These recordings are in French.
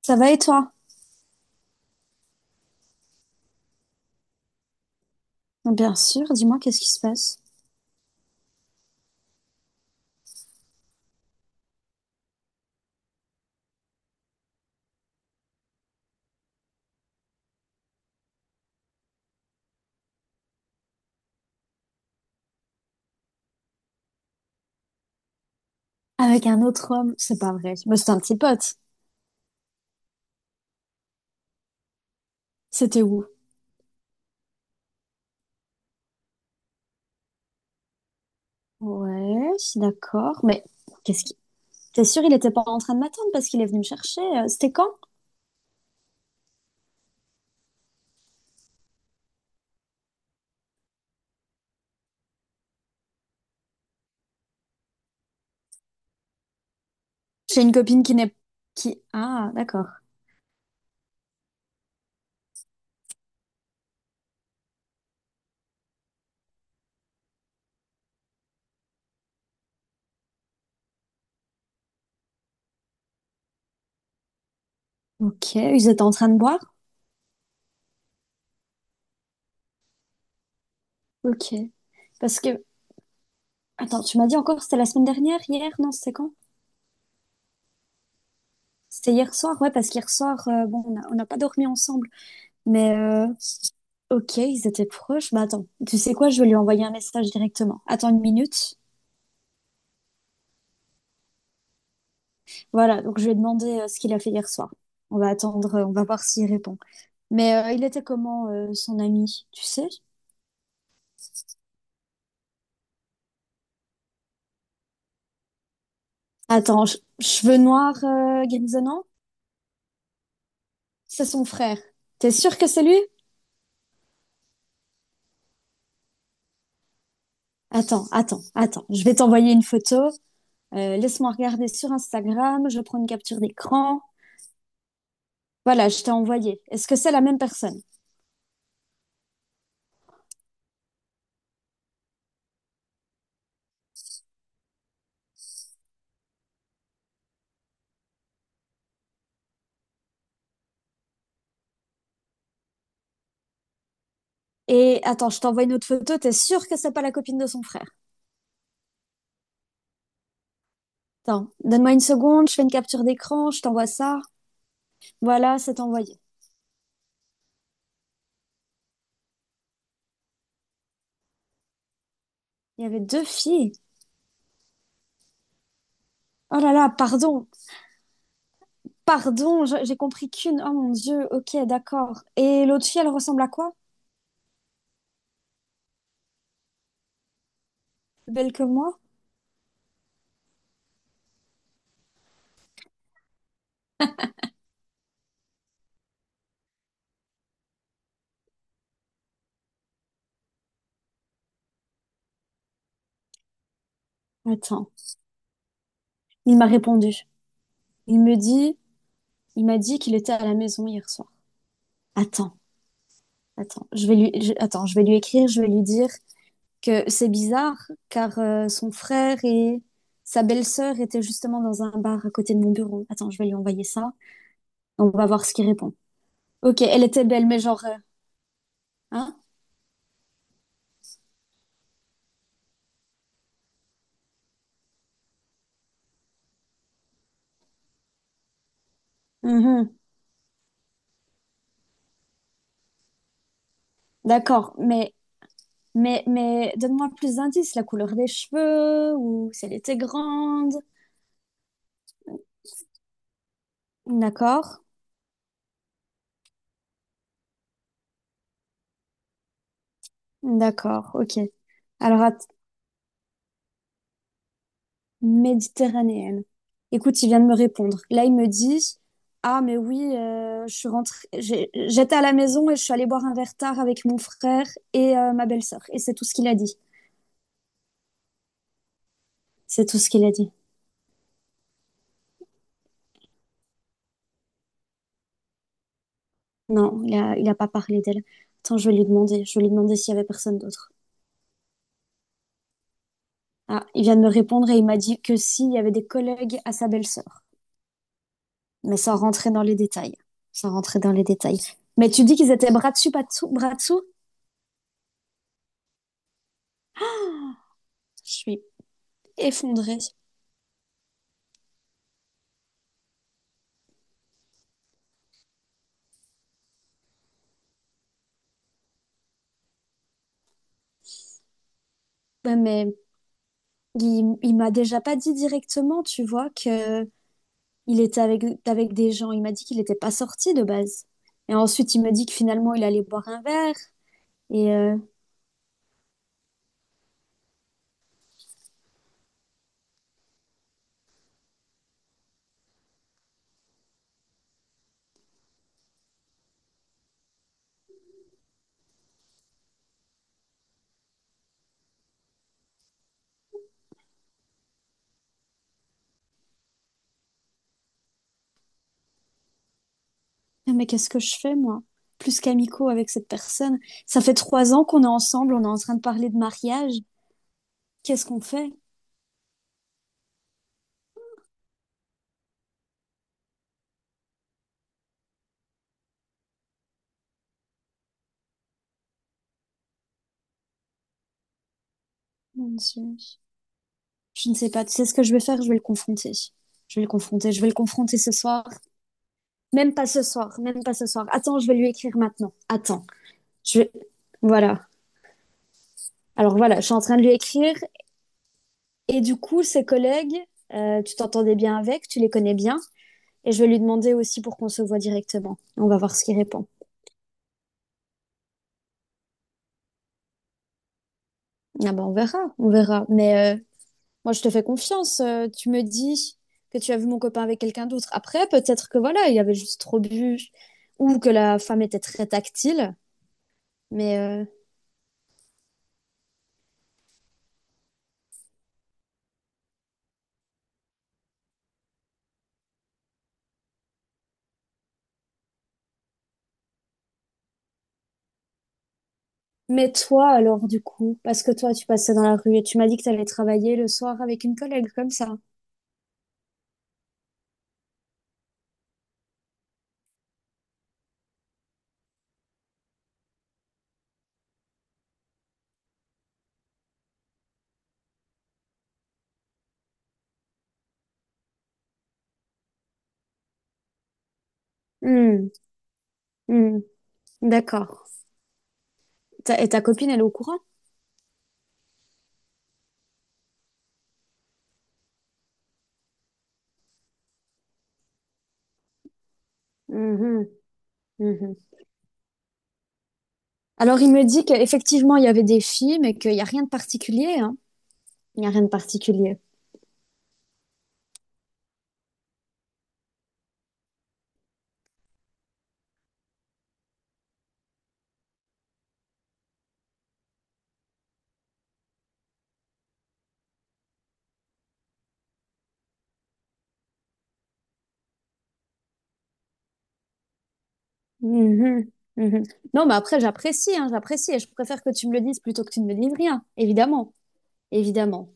Ça va et toi? Bien sûr, dis-moi, qu'est-ce qui se passe? Avec un autre homme, c'est pas vrai. Mais c'était un petit pote. C'était où? Ouais, je suis d'accord. Mais qu'est-ce qui... T'es sûr, il était pas en train de m'attendre parce qu'il est venu me chercher? C'était quand? J'ai une copine qui n'est... Qui... Ah, d'accord. Ok, ils étaient en train de boire? Ok. Parce que... Attends, tu m'as dit encore, c'était la semaine dernière, hier? Non, c'était quand? C'était hier soir, ouais, parce qu'hier soir, bon, on n'a pas dormi ensemble. Mais ok, ils étaient proches. Bah attends, tu sais quoi, je vais lui envoyer un message directement. Attends une minute. Voilà, donc je vais demander ce qu'il a fait hier soir. On va attendre, on va voir s'il répond. Mais il était comment son ami, tu sais? Attends, cheveux noirs grisonnants? C'est son frère. T'es sûr que c'est lui? Attends. Je vais t'envoyer une photo. Laisse-moi regarder sur Instagram. Je prends une capture d'écran. Voilà, je t'ai envoyé. Est-ce que c'est la même personne? Et attends, je t'envoie une autre photo, t'es sûr que c'est pas la copine de son frère? Attends, donne-moi une seconde, je fais une capture d'écran, je t'envoie ça. Voilà, c'est envoyé. Il y avait deux filles. Oh là là, pardon, pardon, j'ai compris qu'une. Oh mon Dieu, ok, d'accord. Et l'autre fille, elle ressemble à quoi? Plus belle que moi? Attends, il m'a répondu. Il me dit, il m'a dit qu'il était à la maison hier soir. Attends, attends, je vais lui, je- attends, je vais lui écrire, je vais lui dire. Que c'est bizarre car son frère et sa belle-sœur étaient justement dans un bar à côté de mon bureau. Attends, je vais lui envoyer ça. On va voir ce qu'il répond. Ok, elle était belle, mais genre, hein? Mhm. D'accord, mais mais donne-moi plus d'indices, la couleur des cheveux ou si elle était grande. D'accord, d'accord, ok. Alors. Méditerranéenne. Écoute, il vient de me répondre. Là, il me dit, ah mais oui, je suis rentrée, j'étais à la maison et je suis allée boire un verre tard avec mon frère et ma belle-sœur. Et c'est tout ce qu'il a dit. C'est tout ce qu'il a dit. Non, il a pas parlé d'elle. Attends, je vais lui demander. Je vais lui demander s'il y avait personne d'autre. Ah, il vient de me répondre et il m'a dit que s'il y avait des collègues à sa belle-sœur. Mais sans rentrer dans les détails. Sans rentrer dans les détails. Mais tu dis qu'ils étaient bras dessus, pas dessous, bras dessous? Je suis effondrée. Ouais, mais il m'a déjà pas dit directement, tu vois, que il était avec, avec des gens. Il m'a dit qu'il n'était pas sorti de base. Et ensuite, il m'a dit que finalement, il allait boire un verre. Et ah, mais qu'est-ce que je fais, moi? Plus qu'amicaux avec cette personne. Ça fait 3 ans qu'on est ensemble, on est en train de parler de mariage. Qu'est-ce qu'on fait? Mon Dieu. Je ne sais pas. Tu sais ce que je vais faire? Je vais le confronter. Je vais le confronter. Je vais le confronter ce soir. Même pas ce soir. Même pas ce soir. Attends, je vais lui écrire maintenant. Attends. Je vais... Voilà. Alors voilà, je suis en train de lui écrire et du coup, ses collègues, tu t'entendais bien avec, tu les connais bien et je vais lui demander aussi pour qu'on se voit directement. On va voir ce qu'il répond. Ah ben, on verra, on verra. Mais moi, je te fais confiance. Euh, tu me dis que tu as vu mon copain avec quelqu'un d'autre. Après, peut-être que voilà, il avait juste trop bu ou que la femme était très tactile. Mais, euh, mais toi, alors, du coup, parce que toi, tu passais dans la rue et tu m'as dit que tu allais travailler le soir avec une collègue comme ça. Hmm, hmm, d'accord. Et ta copine, elle est au courant? Mhm, mhm. Alors, il me dit qu'effectivement, il y avait des films et qu'il n'y a rien de particulier, hein. Il n'y a rien de particulier. Mhm, mhm. Non, mais après, j'apprécie, hein, j'apprécie et je préfère que tu me le dises plutôt que tu ne me dises rien. Évidemment, évidemment.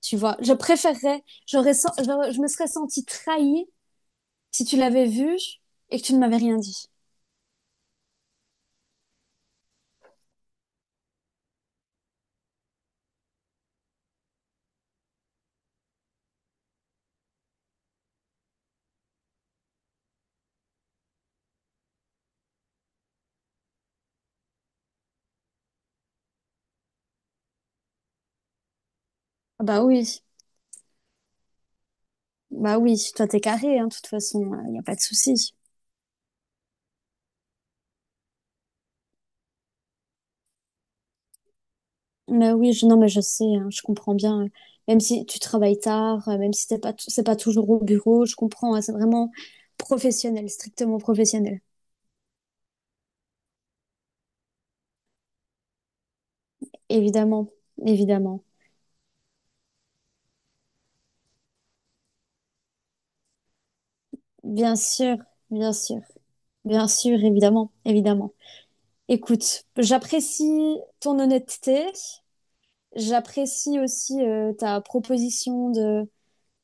Tu vois, je préférerais, je me serais sentie trahie si tu l'avais vu et que tu ne m'avais rien dit. Ah bah oui, bah oui, toi t'es carré, hein, de toute façon, il n'y a pas de souci. Non, mais je sais, hein, je comprends bien. Même si tu travailles tard, même si t'es pas, t- c'est pas toujours au bureau, je comprends. Hein, c'est vraiment professionnel, strictement professionnel. Évidemment, évidemment. Bien sûr, bien sûr, bien sûr, évidemment, évidemment. Écoute, j'apprécie ton honnêteté. J'apprécie aussi ta proposition de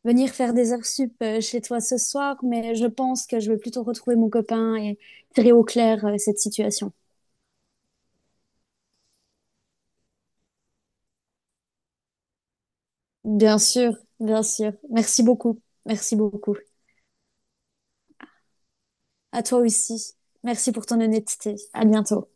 venir faire des heures sup chez toi ce soir, mais je pense que je vais plutôt retrouver mon copain et tirer au clair cette situation. Bien sûr, bien sûr. Merci beaucoup. Merci beaucoup. À toi aussi. Merci pour ton honnêteté. À bientôt.